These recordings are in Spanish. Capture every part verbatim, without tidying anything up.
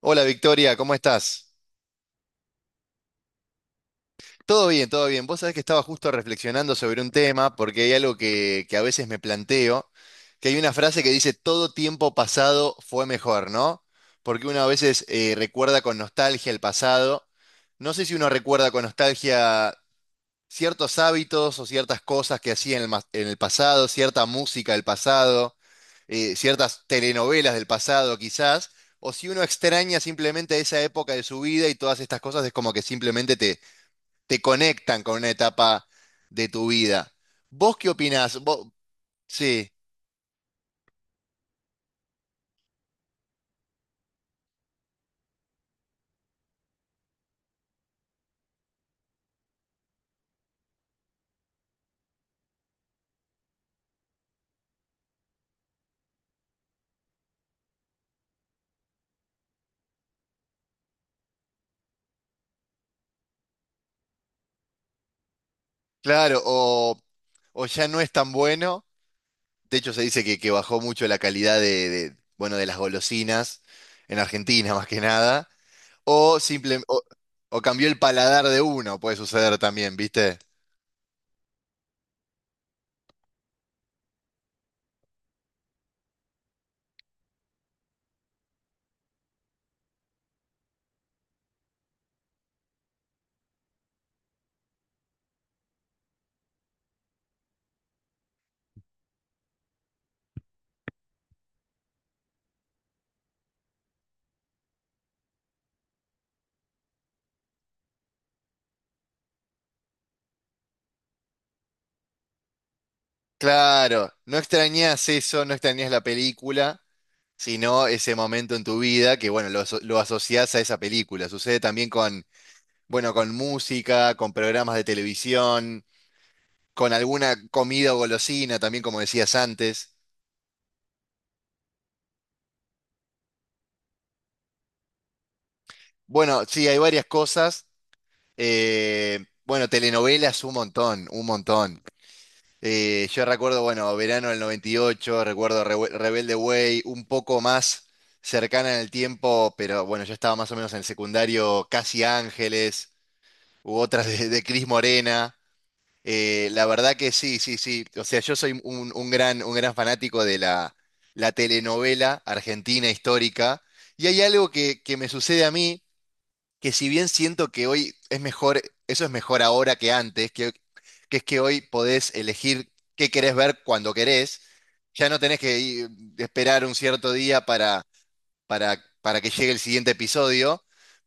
Hola Victoria, ¿cómo estás? Todo bien, todo bien. Vos sabés que estaba justo reflexionando sobre un tema, porque hay algo que, que a veces me planteo, que hay una frase que dice, todo tiempo pasado fue mejor, ¿no? Porque uno a veces eh, recuerda con nostalgia el pasado. No sé si uno recuerda con nostalgia ciertos hábitos o ciertas cosas que hacía en el, mas- en el pasado, cierta música del pasado. eh, ciertas telenovelas del pasado quizás, o si uno extraña simplemente esa época de su vida y todas estas cosas es como que simplemente te, te conectan con una etapa de tu vida. ¿Vos qué opinás? Vos- sí, claro, o, o ya no es tan bueno. De hecho, se dice que, que bajó mucho la calidad de, de, bueno, de las golosinas en Argentina, más que nada. O simple o o cambió el paladar de uno, puede suceder también, ¿viste? Claro, no extrañas eso, no extrañas la película, sino ese momento en tu vida que, bueno, lo, aso- lo asociás a esa película. Sucede también con, bueno, con música, con programas de televisión, con alguna comida o golosina, también como decías antes. Bueno, sí, hay varias cosas. Eh, bueno, telenovelas un montón, un montón. Eh, yo recuerdo, bueno, verano del noventa y ocho recuerdo Rewe- Rebelde Way, un poco más cercana en el tiempo, pero bueno, yo estaba más o menos en el secundario, Casi Ángeles, u otras de, de Cris Morena. Eh, la verdad que sí, sí, sí. O sea, yo soy un, un gran, un gran fanático de la, la telenovela argentina histórica. Y hay algo que, que me sucede a mí que si bien siento que hoy es mejor, eso es mejor ahora que antes, que, que es que hoy podés elegir qué querés ver cuando querés, ya no tenés que ir- esperar un cierto día para, para, para que llegue el siguiente episodio,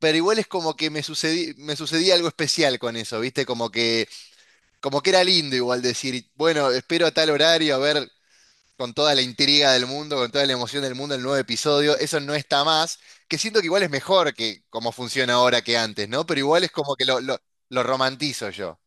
pero igual es como que me sucedí, me sucedía algo especial con eso, ¿viste? Como que, como que era lindo igual decir, bueno, espero a tal horario a ver con toda la intriga del mundo, con toda la emoción del mundo, el nuevo episodio, eso no está más, que siento que igual es mejor que como funciona ahora que antes, ¿no? Pero igual es como que lo, lo, lo romantizo yo.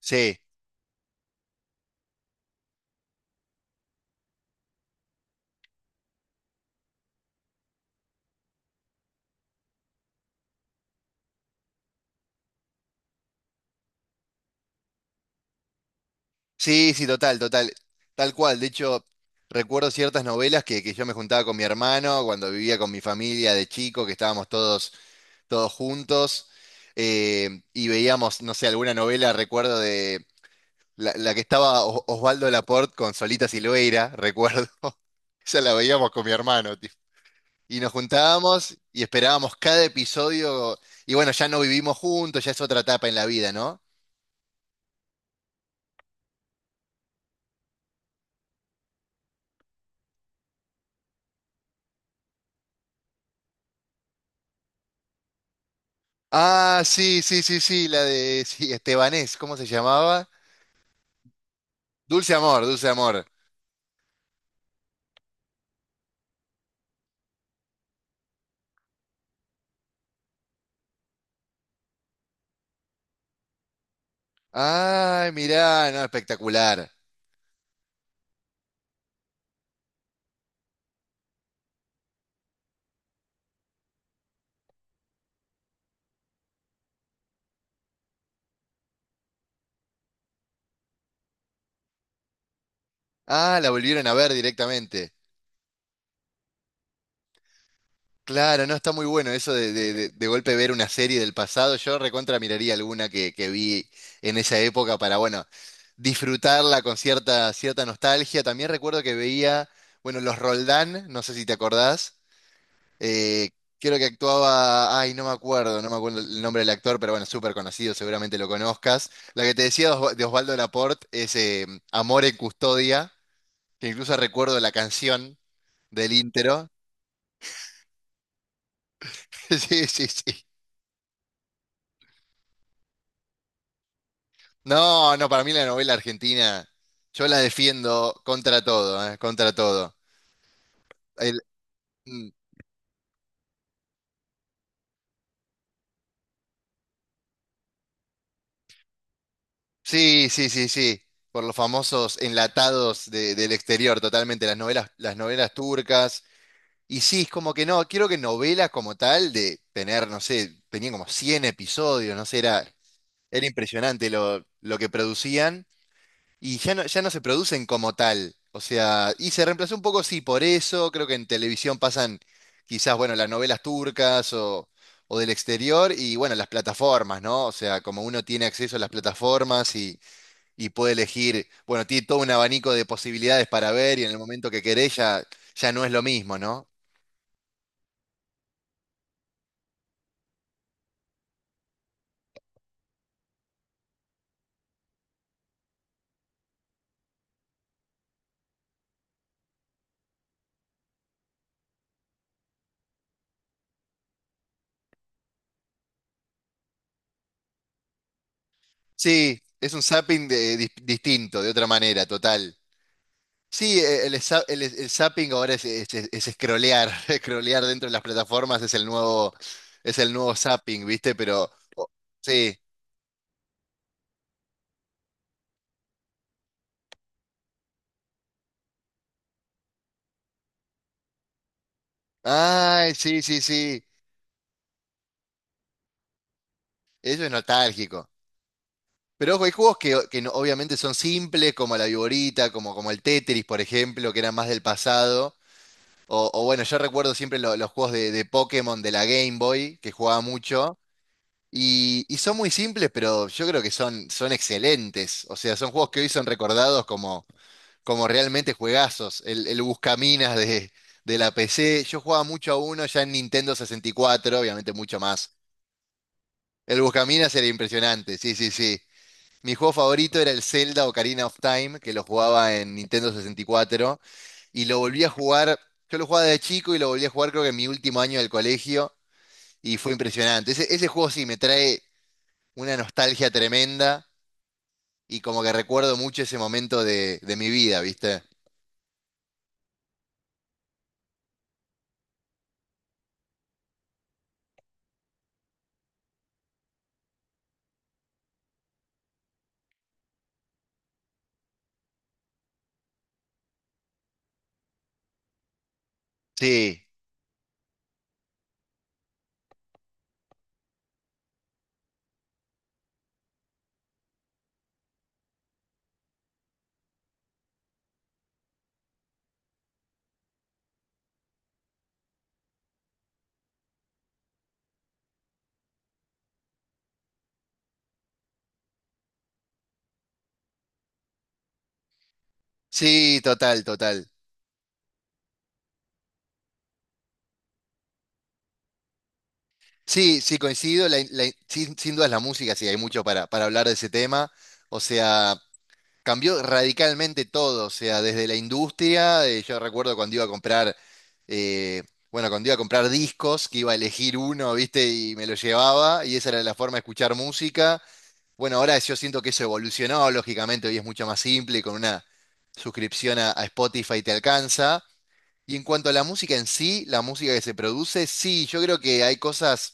Sí, sí, sí, total, total, tal cual. De hecho, recuerdo ciertas novelas que, que yo me juntaba con mi hermano cuando vivía con mi familia de chico, que estábamos todos, todos juntos, eh, y veíamos, no sé, alguna novela, recuerdo de... La, la que estaba O- Osvaldo Laport con Solita Silveira, recuerdo. Esa la veíamos con mi hermano, tipo. Y nos juntábamos y esperábamos cada episodio. Y bueno, ya no vivimos juntos, ya es otra etapa en la vida, ¿no? Ah, sí, sí, sí, sí, la de sí, Estebanés, ¿cómo se llamaba? Dulce Amor, Dulce Amor. Ay, mirá, no, espectacular. Ah, la volvieron a ver directamente. Claro, no, está muy bueno eso de, de, de- de golpe ver una serie del pasado. Yo recontra miraría alguna que, que vi en esa época para, bueno, disfrutarla con cierta, cierta nostalgia. También recuerdo que veía, bueno, los Roldán, no sé si te acordás. eh, Creo que actuaba, ay, no me acuerdo, no me acuerdo el nombre del actor, pero bueno, súper conocido, seguramente lo conozcas. La que te decía de Osva- de Osvaldo Laport es eh, Amor en Custodia, que incluso recuerdo la canción del intro. Sí, sí, sí. No, no, para mí la novela argentina, yo la defiendo contra todo, ¿eh? Contra todo. El- mm, sí, sí, sí, sí. Por los famosos enlatados de- del exterior, totalmente. Las novelas, las novelas turcas. Y sí, es como que no, quiero que novelas como tal, de tener, no sé, tenían como cien episodios, no sé, era, era impresionante lo, lo que producían. Y ya no, ya no se producen como tal. O sea, y se reemplazó un poco, sí, por eso. Creo que en televisión pasan quizás, bueno, las novelas turcas o, o del exterior y, bueno, las plataformas, ¿no? O sea, como uno tiene acceso a las plataformas y, y puede elegir, bueno, tiene todo un abanico de posibilidades para ver y en el momento que querés ya, ya no es lo mismo, ¿no? Sí, es un zapping de- dis- distinto, de otra manera, total. Sí, eh, el, za- el, el zapping ahora es, es, es- es scrollear, scrollear dentro de las plataformas es el nuevo, es el nuevo zapping, ¿viste? Pero o- sí. Ay, sí, sí, sí. Eso es nostálgico. Pero ojo, hay juegos que, o- que no- obviamente son simples, como la Viborita, como, como el Tetris, por ejemplo, que eran más del pasado. O, o bueno, yo recuerdo siempre lo- los juegos de, de Pokémon de la Game Boy, que jugaba mucho. Y, y son muy simples, pero yo creo que son, son excelentes. O sea, son juegos que hoy son recordados como como realmente juegazos. El, el Buscaminas de, de la P C. Yo jugaba mucho a uno ya en Nintendo sesenta y cuatro, obviamente mucho más. El Buscaminas era impresionante, sí, sí, sí. Mi juego favorito era el Zelda Ocarina of Time, que lo jugaba en Nintendo sesenta y cuatro. Y cuatro, y lo volví a jugar, yo lo jugaba de chico y lo volví a jugar creo que en mi último año del colegio. Y fue impresionante. Ese, ese juego sí me trae una nostalgia tremenda. Y como que recuerdo mucho ese momento de, de mi vida, ¿viste? Sí, sí, total, total. Sí, sí, coincido. la- la- sin, sin duda es la música, sí, hay mucho para, para hablar de ese tema. O sea, cambió radicalmente todo. O sea, desde la industria, eh, yo recuerdo cuando iba a comprar, eh, bueno, cuando iba a comprar discos, que iba a elegir uno, ¿viste? Y me lo llevaba, y esa era la forma de escuchar música. Bueno, ahora yo siento que eso evolucionó, lógicamente, hoy es mucho más simple, y con una suscripción a, a Spotify te alcanza. Y en cuanto a la música en sí, la música que se produce, sí, yo creo que hay cosas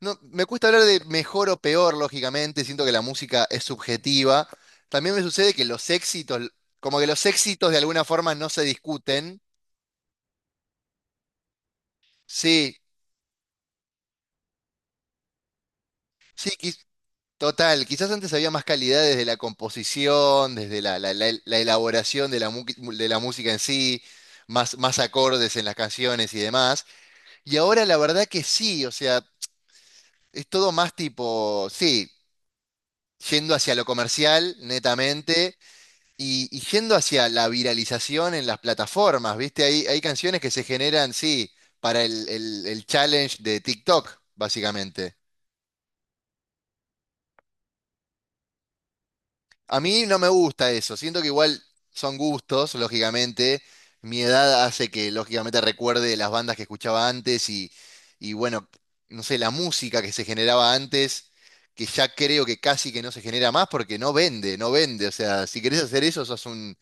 no, me cuesta hablar de mejor o peor, lógicamente, siento que la música es subjetiva. También me sucede que los éxitos, como que los éxitos de alguna forma no se discuten. Sí, sí, quiz- total. Quizás antes había más calidad desde la composición, desde la, la- la- la elaboración de la, mu- de la música en sí, más, más acordes en las canciones y demás. Y ahora la verdad que sí, o sea, es todo más tipo, sí, yendo hacia lo comercial, netamente. Y, y yendo hacia la viralización en las plataformas, ¿viste? Hay, hay canciones que se generan, sí, para el, el- el challenge de TikTok, básicamente. A mí no me gusta eso, siento que igual son gustos, lógicamente. Mi edad hace que, lógicamente, recuerde las bandas que escuchaba antes y, y bueno, no sé, la música que se generaba antes, que ya creo que casi que no se genera más porque no vende, no vende. O sea, si querés hacer eso, sos un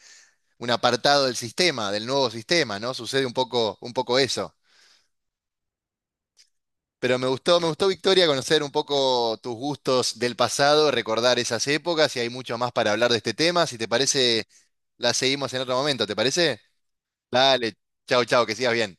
apartado del sistema, del nuevo sistema, ¿no? Sucede un poco, un poco eso. Pero me gustó, me gustó, Victoria, conocer un poco tus gustos del pasado, recordar esas épocas y hay mucho más para hablar de este tema. Si te parece, la seguimos en otro momento, ¿te parece? Dale, chao, chao, que sigas bien.